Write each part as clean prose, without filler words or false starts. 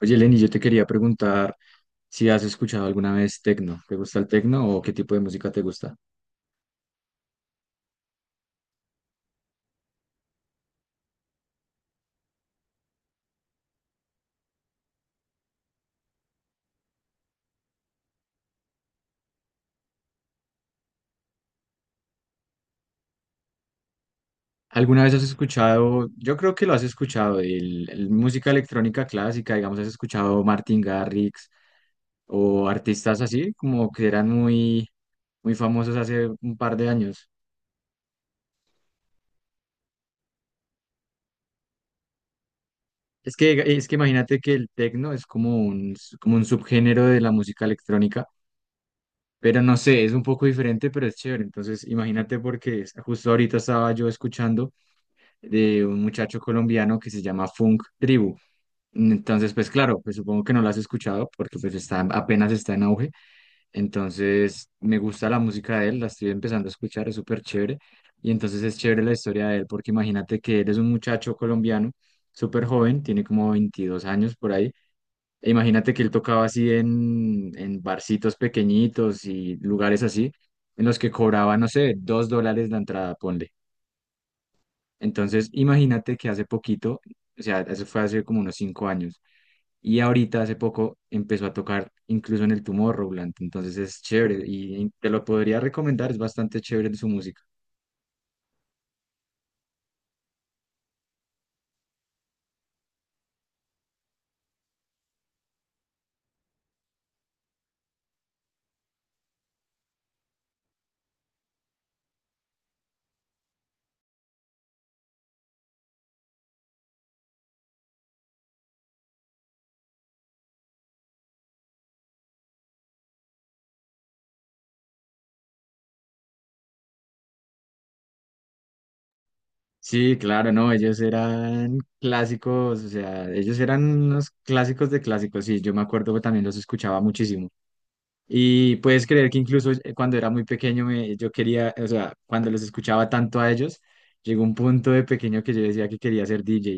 Oye, Lenny, yo te quería preguntar si has escuchado alguna vez tecno. ¿Te gusta el tecno o qué tipo de música te gusta? ¿Alguna vez has escuchado, yo creo que lo has escuchado, el música electrónica clásica, digamos, has escuchado Martin Garrix o artistas así, como que eran muy, muy famosos hace un par de años? Es que imagínate que el tecno es como un subgénero de la música electrónica, pero no sé, es un poco diferente, pero es chévere. Entonces, imagínate porque justo ahorita estaba yo escuchando de un muchacho colombiano que se llama Funk Tribu. Entonces, pues claro, pues supongo que no lo has escuchado porque pues está, apenas está en auge. Entonces, me gusta la música de él, la estoy empezando a escuchar, es súper chévere. Y entonces es chévere la historia de él porque imagínate que él es un muchacho colombiano, súper joven, tiene como 22 años por ahí. E imagínate que él tocaba así en barcitos pequeñitos y lugares así, en los que cobraba, no sé, 2 dólares la entrada, ponle. Entonces, imagínate que hace poquito, o sea, eso fue hace como unos 5 años, y ahorita hace poco empezó a tocar incluso en el Tomorrowland, entonces es chévere y te lo podría recomendar, es bastante chévere su música. Sí, claro, no, ellos eran clásicos, o sea, ellos eran unos clásicos de clásicos, sí, yo me acuerdo que también los escuchaba muchísimo. Y puedes creer que incluso cuando era muy pequeño, yo quería, o sea, cuando los escuchaba tanto a ellos, llegó un punto de pequeño que yo decía que quería ser DJ.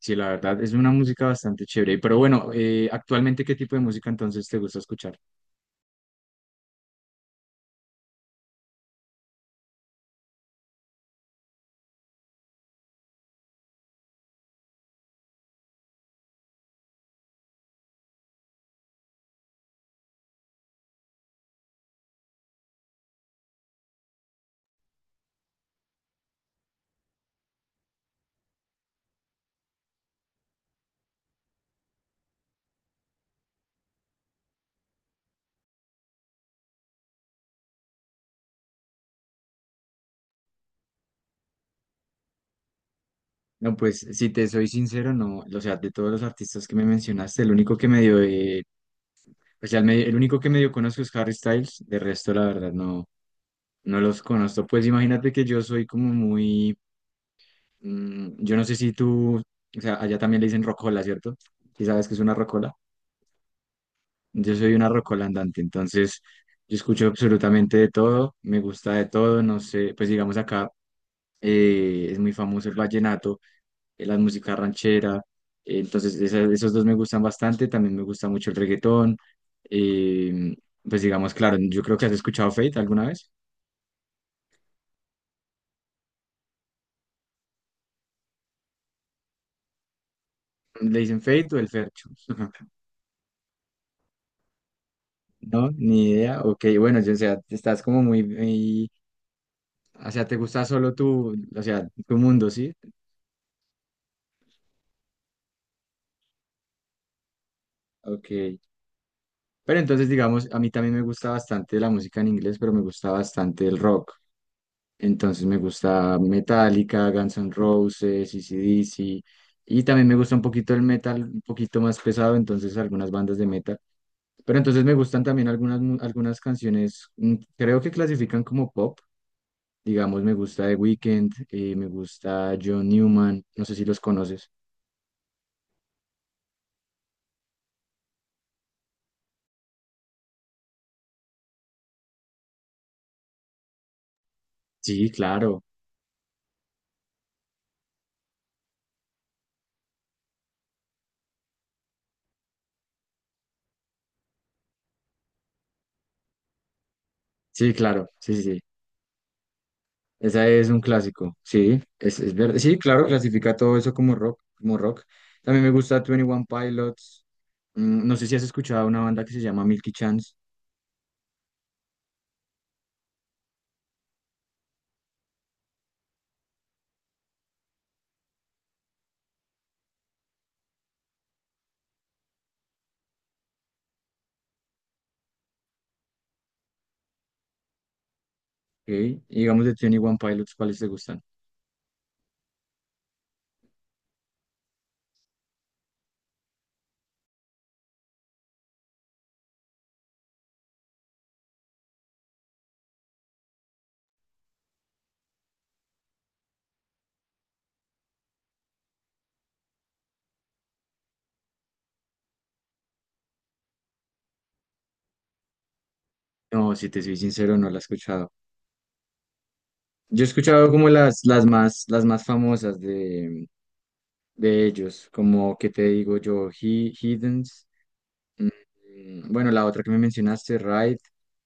Sí, la verdad, es una música bastante chévere. Pero bueno, actualmente, ¿qué tipo de música entonces te gusta escuchar? No, pues si te soy sincero, no, o sea, de todos los artistas que me mencionaste, el único que medio, o sea, el único que medio conozco es Harry Styles, de resto, la verdad, no, no los conozco. Pues imagínate que yo soy como muy, yo no sé si tú, o sea, allá también le dicen rocola, ¿cierto? Si sabes que es una rocola. Yo soy una rocola andante, entonces yo escucho absolutamente de todo, me gusta de todo, no sé, pues digamos acá. Es muy famoso el vallenato, la música ranchera, entonces esos dos me gustan bastante, también me gusta mucho el reggaetón, eh, pues digamos, claro, yo creo que has escuchado Fate alguna vez, le dicen Fate o el Fercho, no, ni idea, ok, bueno, yo, o sea, estás como o sea, te gusta solo tu, o sea, tu mundo, ¿sí? Ok, pero entonces digamos, a mí también me gusta bastante la música en inglés, pero me gusta bastante el rock. Entonces me gusta Metallica, Guns N' Roses, A C/D C ac y también me gusta un poquito el metal, un poquito más pesado, entonces algunas bandas de metal. Pero entonces me gustan también algunas, algunas canciones, creo que clasifican como pop. Digamos, me gusta The Weeknd, me gusta John Newman, no sé si los conoces. Sí, claro, sí, claro, sí, sí. Sí. Esa es un clásico, sí, es verdad. Sí, claro, clasifica todo eso como rock, como rock. También me gusta Twenty One Pilots. No sé si has escuchado una banda que se llama Milky Chance, ¿ok? Y digamos de Twenty One Pilots, ¿cuáles te gustan? No, si te soy sincero, no la he escuchado. Yo he escuchado como las más famosas de ellos, como que te digo yo, Heathens, mm, bueno, la otra que me mencionaste, Ride,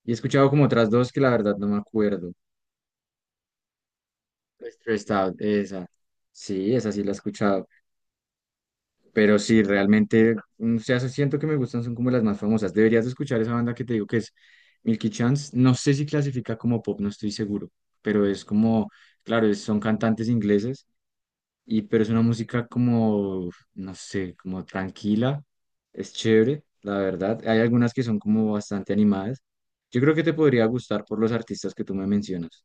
y he escuchado como otras dos que la verdad no me acuerdo. Stressed Out, esa. Sí, esa sí la he escuchado. Pero sí, realmente, o sea, siento que me gustan, son como las más famosas. Deberías de escuchar esa banda que te digo que es Milky Chance. No sé si clasifica como pop, no estoy seguro. Pero es como, claro, son cantantes ingleses, y, pero es una música como, no sé, como tranquila. Es chévere, la verdad. Hay algunas que son como bastante animadas. Yo creo que te podría gustar por los artistas que tú me mencionas.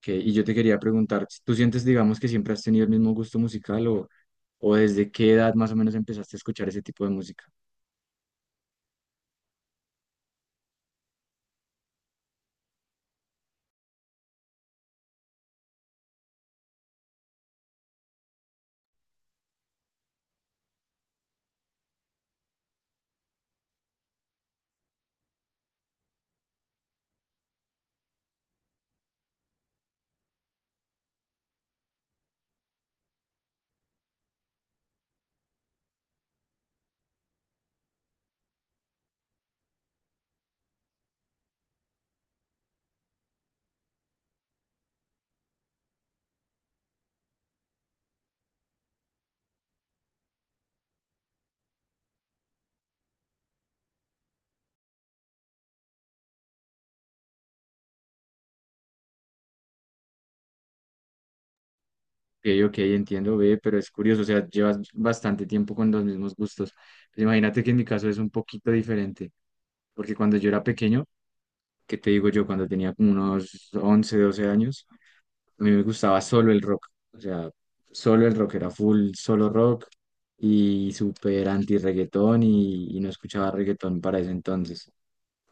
Que, y yo te quería preguntar, ¿tú sientes, digamos, que siempre has tenido el mismo gusto musical o desde qué edad más o menos empezaste a escuchar ese tipo de música? Ok, ok, entiendo, ve, pero es curioso, o sea, llevas bastante tiempo con los mismos gustos. Pues imagínate que en mi caso es un poquito diferente, porque cuando yo era pequeño, ¿qué te digo yo? Cuando tenía como unos 11, 12 años, a mí me gustaba solo el rock, o sea, solo el rock era full, solo rock y súper anti-reggaetón y no escuchaba reggaetón para ese entonces.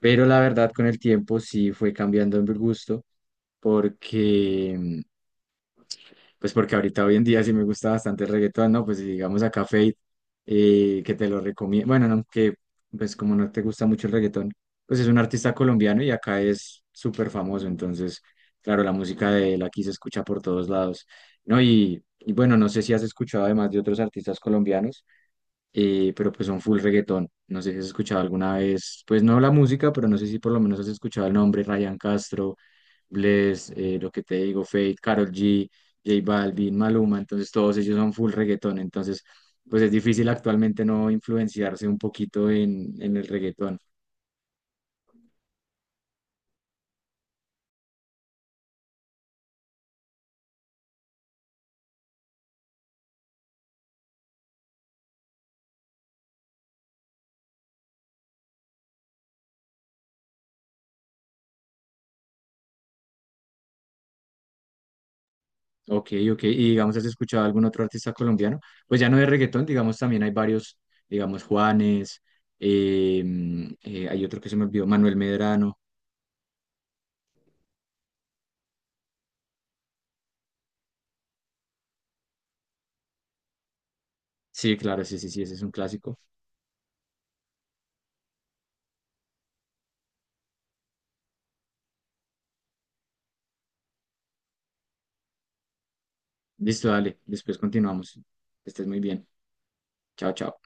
Pero la verdad, con el tiempo sí fue cambiando en mi gusto porque pues porque ahorita hoy en día sí me gusta bastante el reggaetón, ¿no? Pues si digamos acá Fate, que te lo recomiendo. Bueno, no, que pues como no te gusta mucho el reggaetón, pues es un artista colombiano y acá es súper famoso. Entonces, claro, la música de él aquí se escucha por todos lados, ¿no? Y bueno, no sé si has escuchado además de otros artistas colombianos, pero pues son full reggaetón. No sé si has escuchado alguna vez, pues no la música, pero no sé si por lo menos has escuchado el nombre Ryan Castro Bless, lo que te digo, Fate, Karol G, J Balvin, Maluma, entonces todos ellos son full reggaetón, entonces pues es difícil actualmente no influenciarse un poquito en el reggaetón. Ok, ok, y digamos, ¿has escuchado algún otro artista colombiano? Pues ya no de reggaetón, digamos, también hay varios, digamos, Juanes, eh, hay otro que se me olvidó, Manuel Medrano. Sí, claro, sí, sí, sí, ese es un clásico. Listo, dale, después continuamos. Estés muy bien. Chao, chao.